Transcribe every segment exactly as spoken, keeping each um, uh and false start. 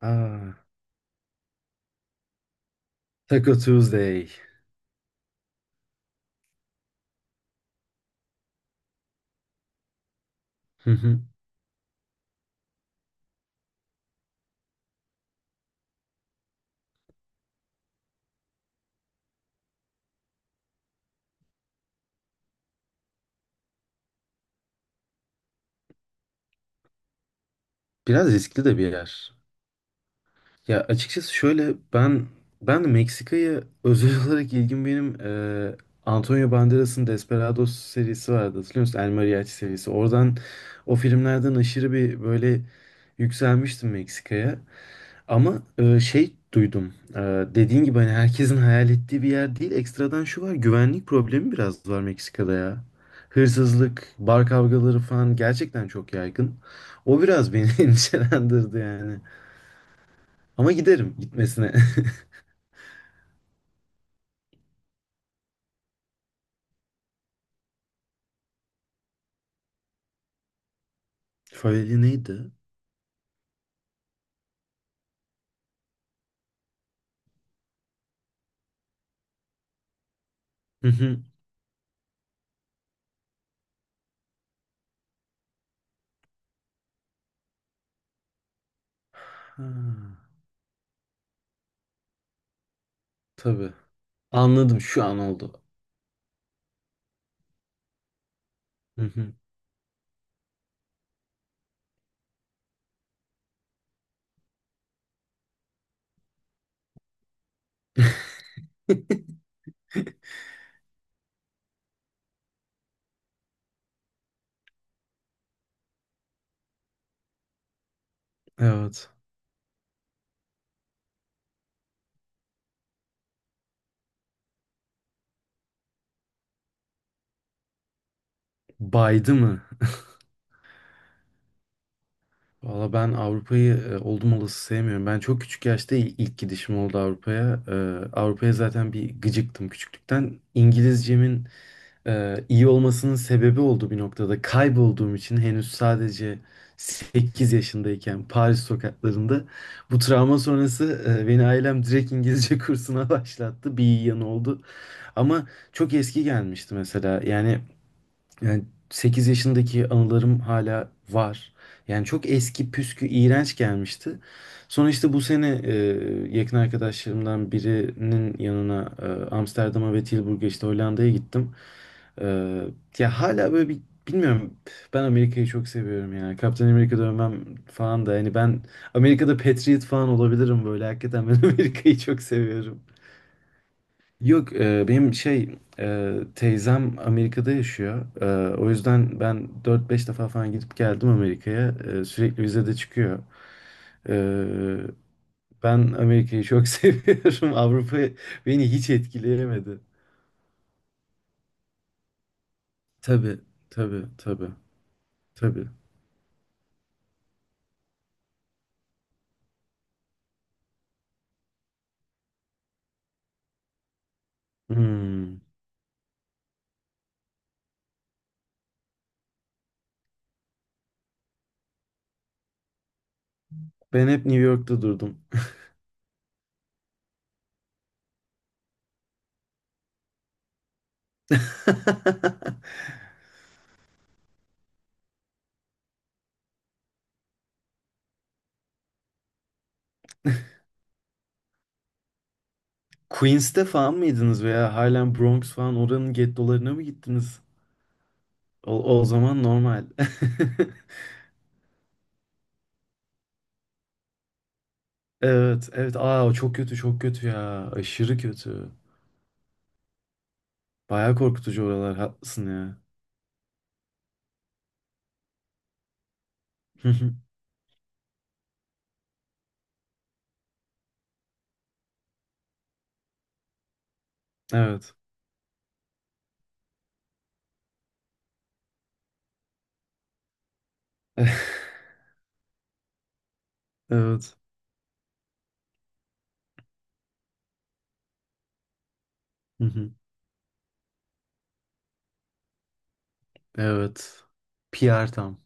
Aa, Taco Tuesday. Hı hı. Biraz riskli de bir yer. Ya açıkçası şöyle ben ben de Meksika'ya özel olarak ilgim benim eee, Antonio Banderas'ın Desperados serisi vardı, hatırlıyor musun? El Mariachi serisi. Oradan o filmlerden aşırı bir böyle yükselmiştim Meksika'ya. Ama e, şey, duydum. E, dediğin gibi hani herkesin hayal ettiği bir yer değil. Ekstradan şu var: güvenlik problemi biraz var Meksika'da ya. Hırsızlık, bar kavgaları falan gerçekten çok yaygın. O biraz beni endişelendirdi yani. Ama giderim gitmesine. Faveli neydi? Hı hı. Ha, tabii. Anladım, şu an oldu. Hı hı. Evet. Baydı mı? Valla ben Avrupa'yı e, oldum olası sevmiyorum. Ben çok küçük yaşta il- ilk gidişim oldu Avrupa'ya. E, Avrupa'ya zaten bir gıcıktım küçüklükten. İngilizcemin e, iyi olmasının sebebi oldu bir noktada. Kaybolduğum için henüz sadece sekiz yaşındayken Paris sokaklarında bu travma sonrası e, beni ailem direkt İngilizce kursuna başlattı. Bir iyi yanı oldu. Ama çok eski gelmişti mesela. Yani yani sekiz yaşındaki anılarım hala var. Yani çok eski, püskü, iğrenç gelmişti. Sonra işte bu sene e, yakın arkadaşlarımdan birinin yanına, e, Amsterdam'a ve Tilburg'a, işte Hollanda'ya gittim. E, Ya hala böyle bir, bilmiyorum. Ben Amerika'yı çok seviyorum yani. Kaptan Amerika dönmem falan da, hani ben Amerika'da Patriot falan olabilirim böyle. Hakikaten ben Amerika'yı çok seviyorum. Yok, e, benim şey, e, teyzem Amerika'da yaşıyor. E, o yüzden ben dört beş defa falan gidip geldim Amerika'ya. E, sürekli vize de çıkıyor. E, Ben Amerika'yı çok seviyorum. Avrupa beni hiç etkileyemedi. Tabii, tabii, tabii, tabii. Hmm. Ben hep New York'ta durdum. Queens'te falan mıydınız, veya halen Bronx falan, oranın gettolarına mı gittiniz? O, o zaman normal. Evet, evet. Aa, o çok kötü, çok kötü ya. Aşırı kötü. Bayağı korkutucu oralar. Haklısın ya. Hı hı. Evet. Evet. Hı hı. Evet. P R tam.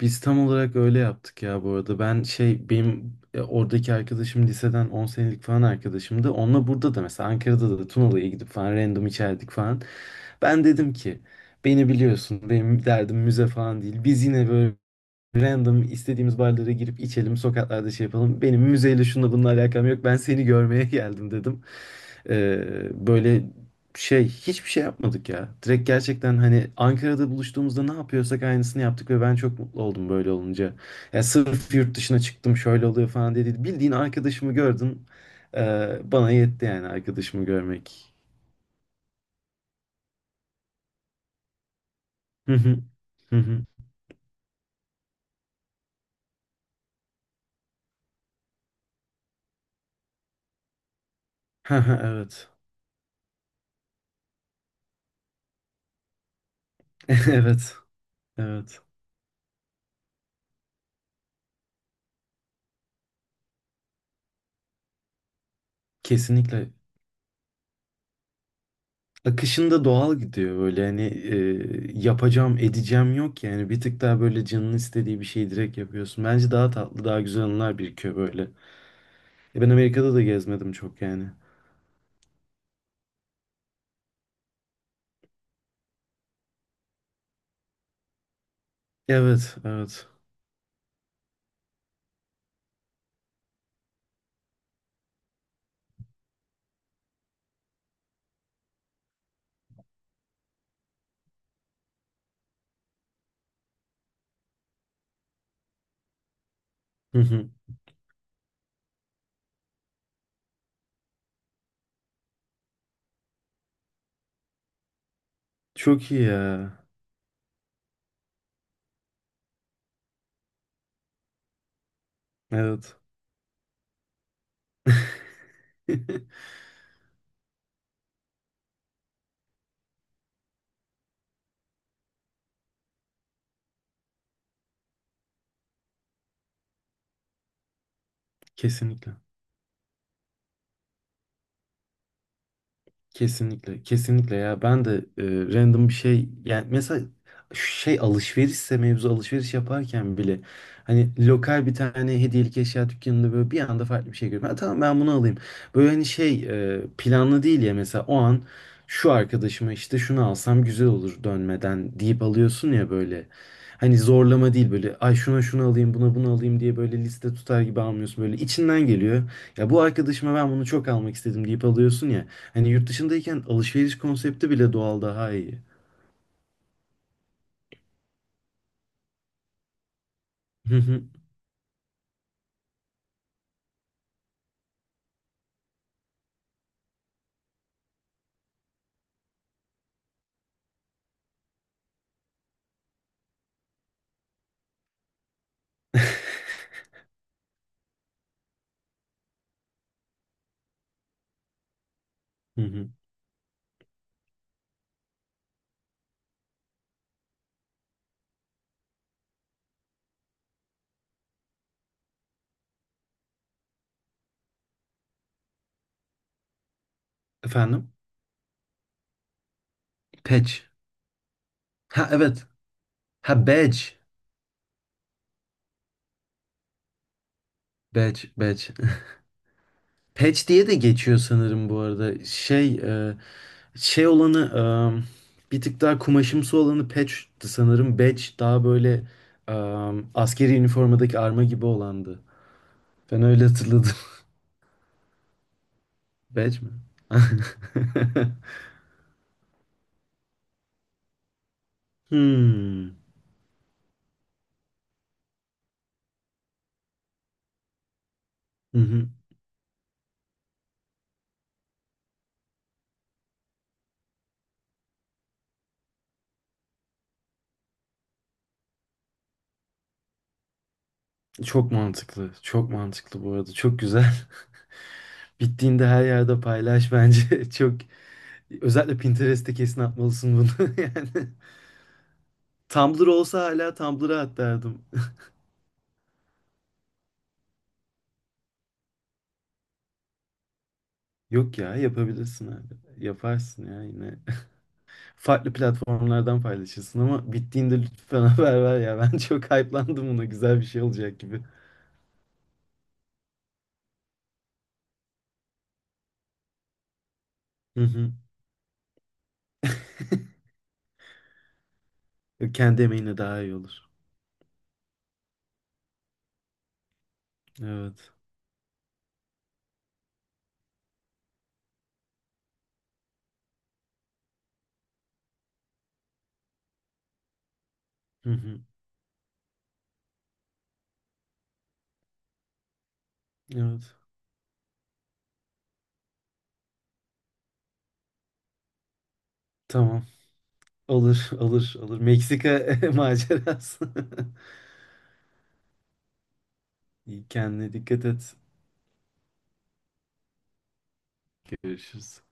Biz tam olarak öyle yaptık ya, bu arada. Ben şey, benim e, oradaki arkadaşım liseden on senelik falan arkadaşımdı. Onunla burada da mesela, Ankara'da da Tunalı'ya gidip falan random içerdik falan. Ben dedim ki beni biliyorsun, benim derdim müze falan değil. Biz yine böyle random istediğimiz barlara girip içelim, sokaklarda şey yapalım. Benim müzeyle, şununla bununla alakam yok. Ben seni görmeye geldim dedim. Ee, böyle şey, hiçbir şey yapmadık ya. Direkt gerçekten hani Ankara'da buluştuğumuzda ne yapıyorsak aynısını yaptık ve ben çok mutlu oldum böyle olunca. Ya sırf yurt dışına çıktım şöyle oluyor falan dedi. Bildiğin arkadaşımı gördüm. Ee, bana yetti yani, arkadaşımı görmek. Hı hı. Hı hı. Evet. Evet. Evet. Kesinlikle. Akışında doğal gidiyor böyle, hani e, yapacağım edeceğim yok yani, bir tık daha böyle canın istediği bir şeyi direkt yapıyorsun. Bence daha tatlı, daha güzel anılar birikiyor böyle. E, ben Amerika'da da gezmedim çok yani. Evet, evet. Hı hı. Çok iyi ya. Evet. Kesinlikle. Kesinlikle, kesinlikle, ya ben de e, random bir şey yani mesela, şey, alışverişse mevzu, alışveriş yaparken bile hani lokal bir tane hediyelik eşya dükkanında böyle bir anda farklı bir şey görüyorum. Ha, tamam, ben bunu alayım. Böyle hani şey, e, planlı değil ya mesela, o an şu arkadaşıma işte şunu alsam güzel olur dönmeden, deyip alıyorsun ya böyle. Hani zorlama değil, böyle ay şuna şunu alayım buna bunu alayım diye, böyle liste tutar gibi almıyorsun, böyle içinden geliyor. Ya bu arkadaşıma ben bunu çok almak istedim deyip alıyorsun ya. Hani yurt dışındayken alışveriş konsepti bile doğal, daha iyi. Hı hı. Hı hı. Efendim? Patch. Ha, evet. Ha, badge. Badge, badge. Patch diye de geçiyor sanırım bu arada. Şey, e, şey olanı, e, bir tık daha kumaşımsı olanı patch'ti sanırım. Badge daha böyle e, askeri üniformadaki arma gibi olandı. Ben öyle hatırladım. Badge mi? Hmm. Hı hı. Çok mantıklı. Çok mantıklı bu arada. Çok güzel. Bittiğinde her yerde paylaş bence. Çok, özellikle Pinterest'te kesin atmalısın bunu, yani. Tumblr olsa hala Tumblr'a at derdim. Yok ya, yapabilirsin abi. Yaparsın ya yine. Farklı platformlardan paylaşırsın ama bittiğinde lütfen haber ver ya. Ben çok hype'landım buna. Güzel bir şey olacak gibi. Hı hı. Kendi emeğine daha iyi olur. Evet. Hı hı. Evet. Tamam. Olur, olur, olur. Meksika macerası. İyi, kendine dikkat et. Görüşürüz.